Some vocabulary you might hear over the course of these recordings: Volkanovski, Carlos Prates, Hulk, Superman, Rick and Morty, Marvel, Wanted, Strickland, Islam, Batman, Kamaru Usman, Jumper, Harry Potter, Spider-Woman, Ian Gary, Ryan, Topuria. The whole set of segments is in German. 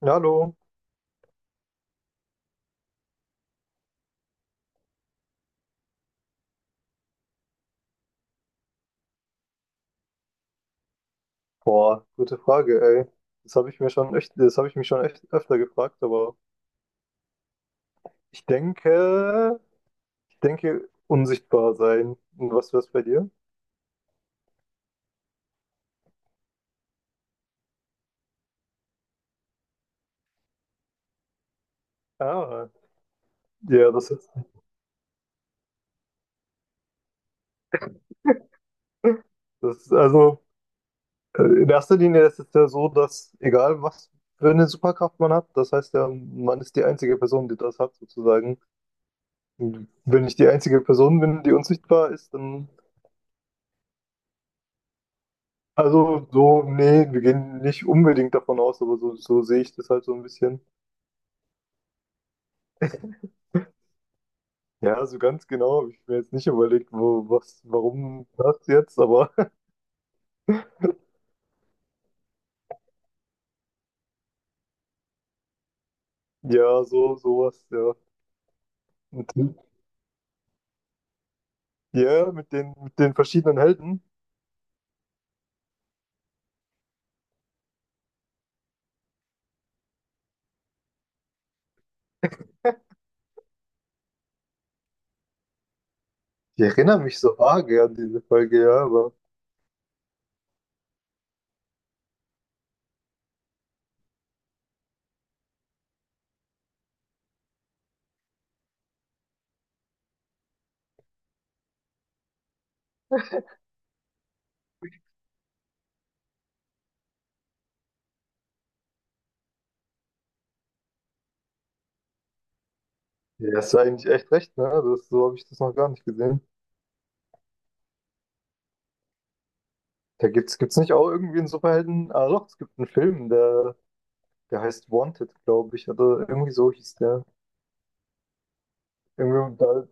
Ja, hallo. Boah, gute Frage, ey. Das habe ich mir schon echt, das habe ich mich schon echt öfter gefragt, aber ich denke, ich denke, unsichtbar sein. Und was wär's bei dir? Ah, ja, das ist also in erster Linie ist es ja so, dass egal was für eine Superkraft man hat, das heißt ja, man ist die einzige Person, die das hat, sozusagen. Und wenn ich die einzige Person bin, die unsichtbar ist, dann also so, nee, wir gehen nicht unbedingt davon aus, aber so sehe ich das halt so ein bisschen. Ja, so ganz genau habe ich mir jetzt nicht überlegt, wo, was, warum das jetzt, aber ja, so, sowas, ja. Und ja, mit den verschiedenen Helden. Ich erinnere mich so vage an diese Folge, ja, aber ja, hast du eigentlich echt recht, ne? Das, so habe ich das noch gar nicht gesehen. Da gibt's nicht auch irgendwie einen Superhelden? Ah doch, es gibt einen Film, der, der heißt Wanted, glaube ich, oder irgendwie so hieß der. Irgendwie, da,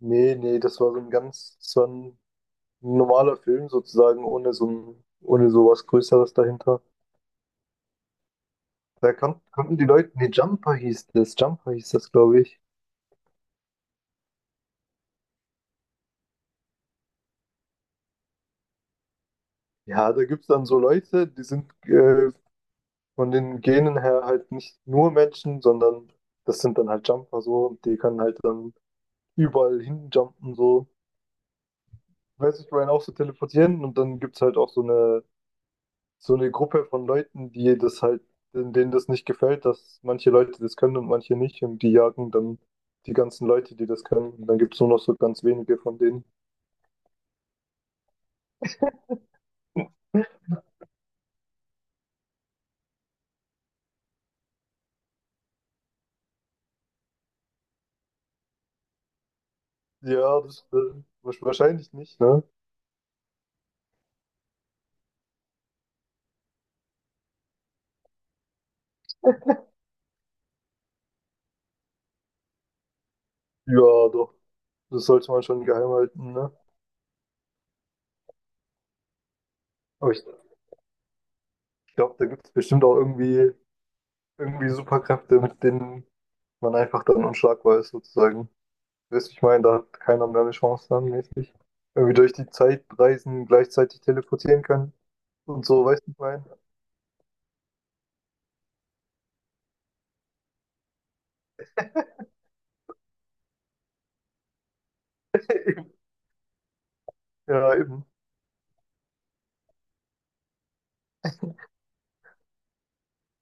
nee, das war so ein ganz, das war ein normaler Film sozusagen, ohne so ein, ohne sowas Größeres dahinter. Da konnten die Leute, nee, Jumper hieß das, glaube ich. Ja, da gibt es dann so Leute, die sind von den Genen her halt nicht nur Menschen, sondern das sind dann halt Jumper so und die können halt dann überall hinjumpen so. Weiß ich, Ryan auch so teleportieren und dann gibt es halt auch so eine Gruppe von Leuten, die das halt, denen das nicht gefällt, dass manche Leute das können und manche nicht. Und die jagen dann die ganzen Leute, die das können. Und dann gibt es nur noch so ganz wenige von denen. Ja, das wahrscheinlich nicht, ne? Ja, doch. Das sollte man schon geheim halten, ne? Aber ich glaube, da gibt es bestimmt auch irgendwie Superkräfte, mit denen man einfach dann unschlagbar ist, sozusagen. Weißt du, ich meine, da hat keiner mehr eine Chance dann, mäßig. Irgendwie durch die Zeit reisen, gleichzeitig teleportieren können und so, weißt du, ich meine? Ja, eben.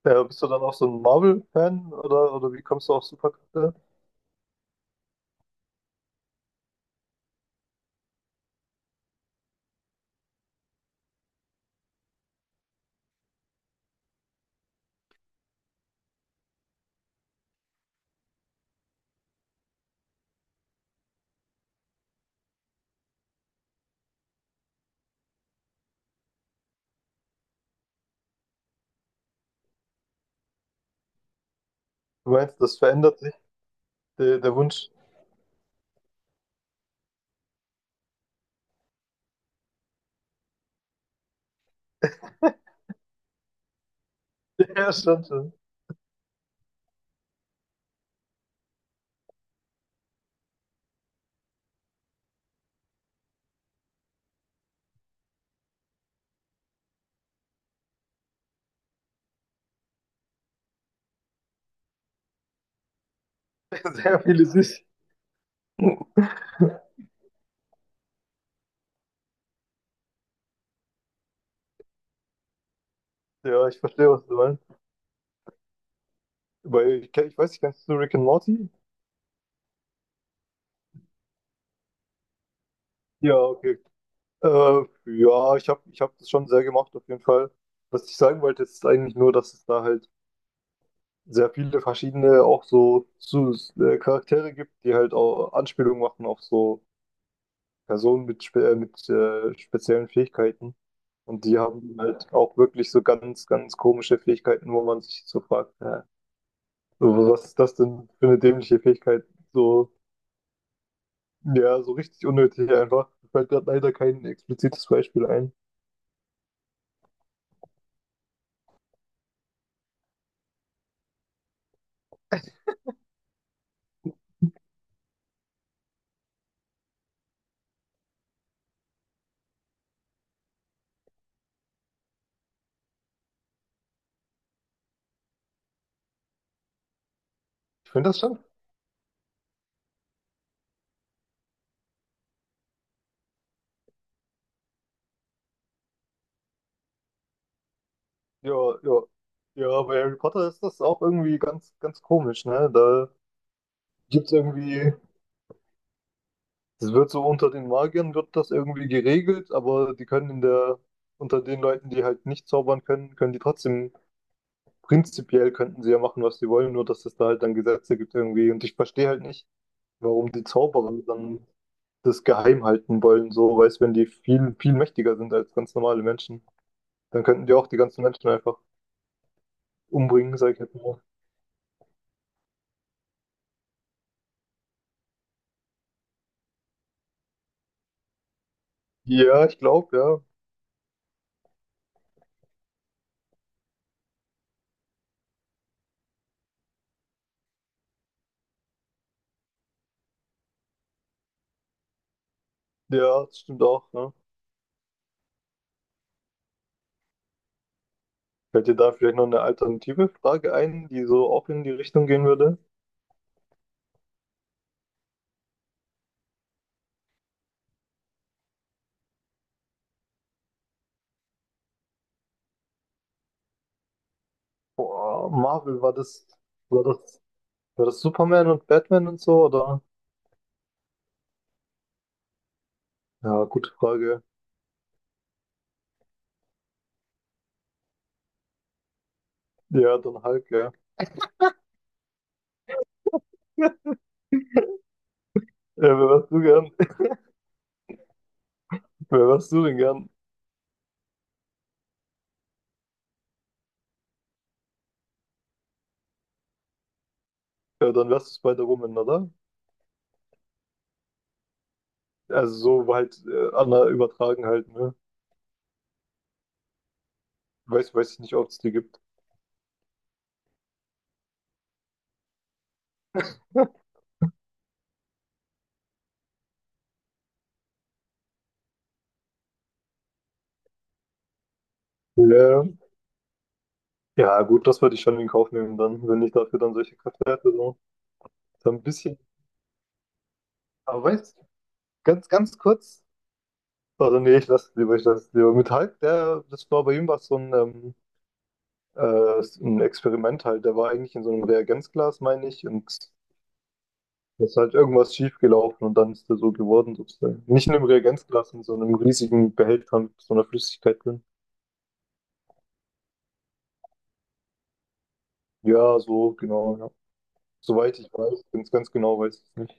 Ja, bist du dann auch so ein Marvel-Fan oder wie kommst du auf Superkräfte? Du meinst, das verändert sich, der Wunsch. Ja, schon, schon. Sehr viele sich. Ja, ich verstehe, was du meinst. Weil ich, ich weiß nicht, kennst du Rick and Morty? Ja, okay. Ja, ich habe ich hab das schon sehr gemacht, auf jeden Fall. Was ich sagen wollte, ist eigentlich nur, dass es da halt sehr viele verschiedene auch so, so Charaktere gibt, die halt auch Anspielungen machen auf so Personen mit, spe mit speziellen Fähigkeiten. Und die haben halt auch wirklich so ganz, ganz komische Fähigkeiten, wo man sich so fragt, so, was ist das denn für eine dämliche Fähigkeit? So, ja, so richtig unnötig einfach. Mir fällt gerade leider kein explizites Beispiel ein. Ich finde das schon. Ja, ja. Ja, bei Harry Potter ist das auch irgendwie ganz, ganz komisch, ne? Da gibt's irgendwie das wird so unter den Magiern wird das irgendwie geregelt, aber die können in der, unter den Leuten, die halt nicht zaubern können, können die trotzdem, prinzipiell könnten sie ja machen, was sie wollen, nur dass es da halt dann Gesetze gibt irgendwie. Und ich verstehe halt nicht, warum die Zauberer dann das geheim halten wollen, so, weißt, wenn die viel, viel mächtiger sind als ganz normale Menschen, dann könnten die auch die ganzen Menschen einfach umbringen, sag ich jetzt mal. Ja, ich glaube, ja. Ja, das stimmt auch, ne? Fällt dir da vielleicht noch eine alternative Frage ein, die so auch in die Richtung gehen würde? Boah, Marvel, war das, war das Superman und Batman und so, oder? Ja, gute Frage. Ja, dann Hulk, ja. Ja, wer wärst du gern? Wer wärst du denn gern? Ja, dann wärst du Spider-Woman, oder? Also so halt Anna übertragen halt, ne? Weiß ich nicht, ob es die gibt. Ja. Ja, gut, das würde ich schon in Kauf nehmen dann, wenn ich dafür dann solche Kräfte hätte. So, so ein bisschen. Aber weißt du, ganz, ganz kurz. Oder nee, ich lasse es lieber. Mit Hulk, der, das war bei ihm was so ein Experiment halt. Der war eigentlich in so einem Reagenzglas, meine ich, und da ist halt irgendwas schiefgelaufen und dann ist der so geworden, sozusagen. Nicht in einem Reagenzglas, in so einem riesigen Behälter mit so einer Flüssigkeit drin. Ja, so, genau, ja. Soweit ich weiß, ganz, ganz genau weiß ich es nicht.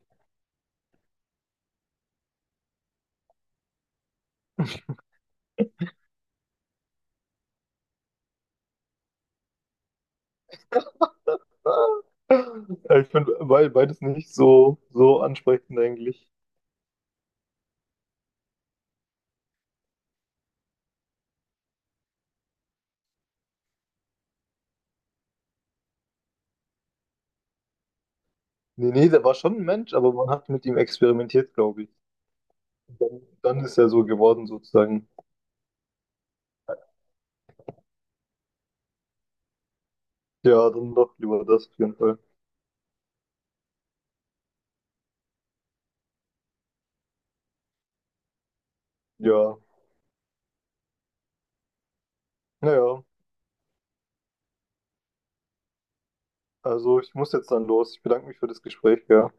Ah, ich finde beides nicht so, so ansprechend eigentlich. Nee, nee, der war schon ein Mensch, aber man hat mit ihm experimentiert, glaube ich. Dann ist er so geworden, sozusagen. Ja, dann doch lieber das auf jeden Fall. Ja, naja. Also ich muss jetzt dann los. Ich bedanke mich für das Gespräch, ja.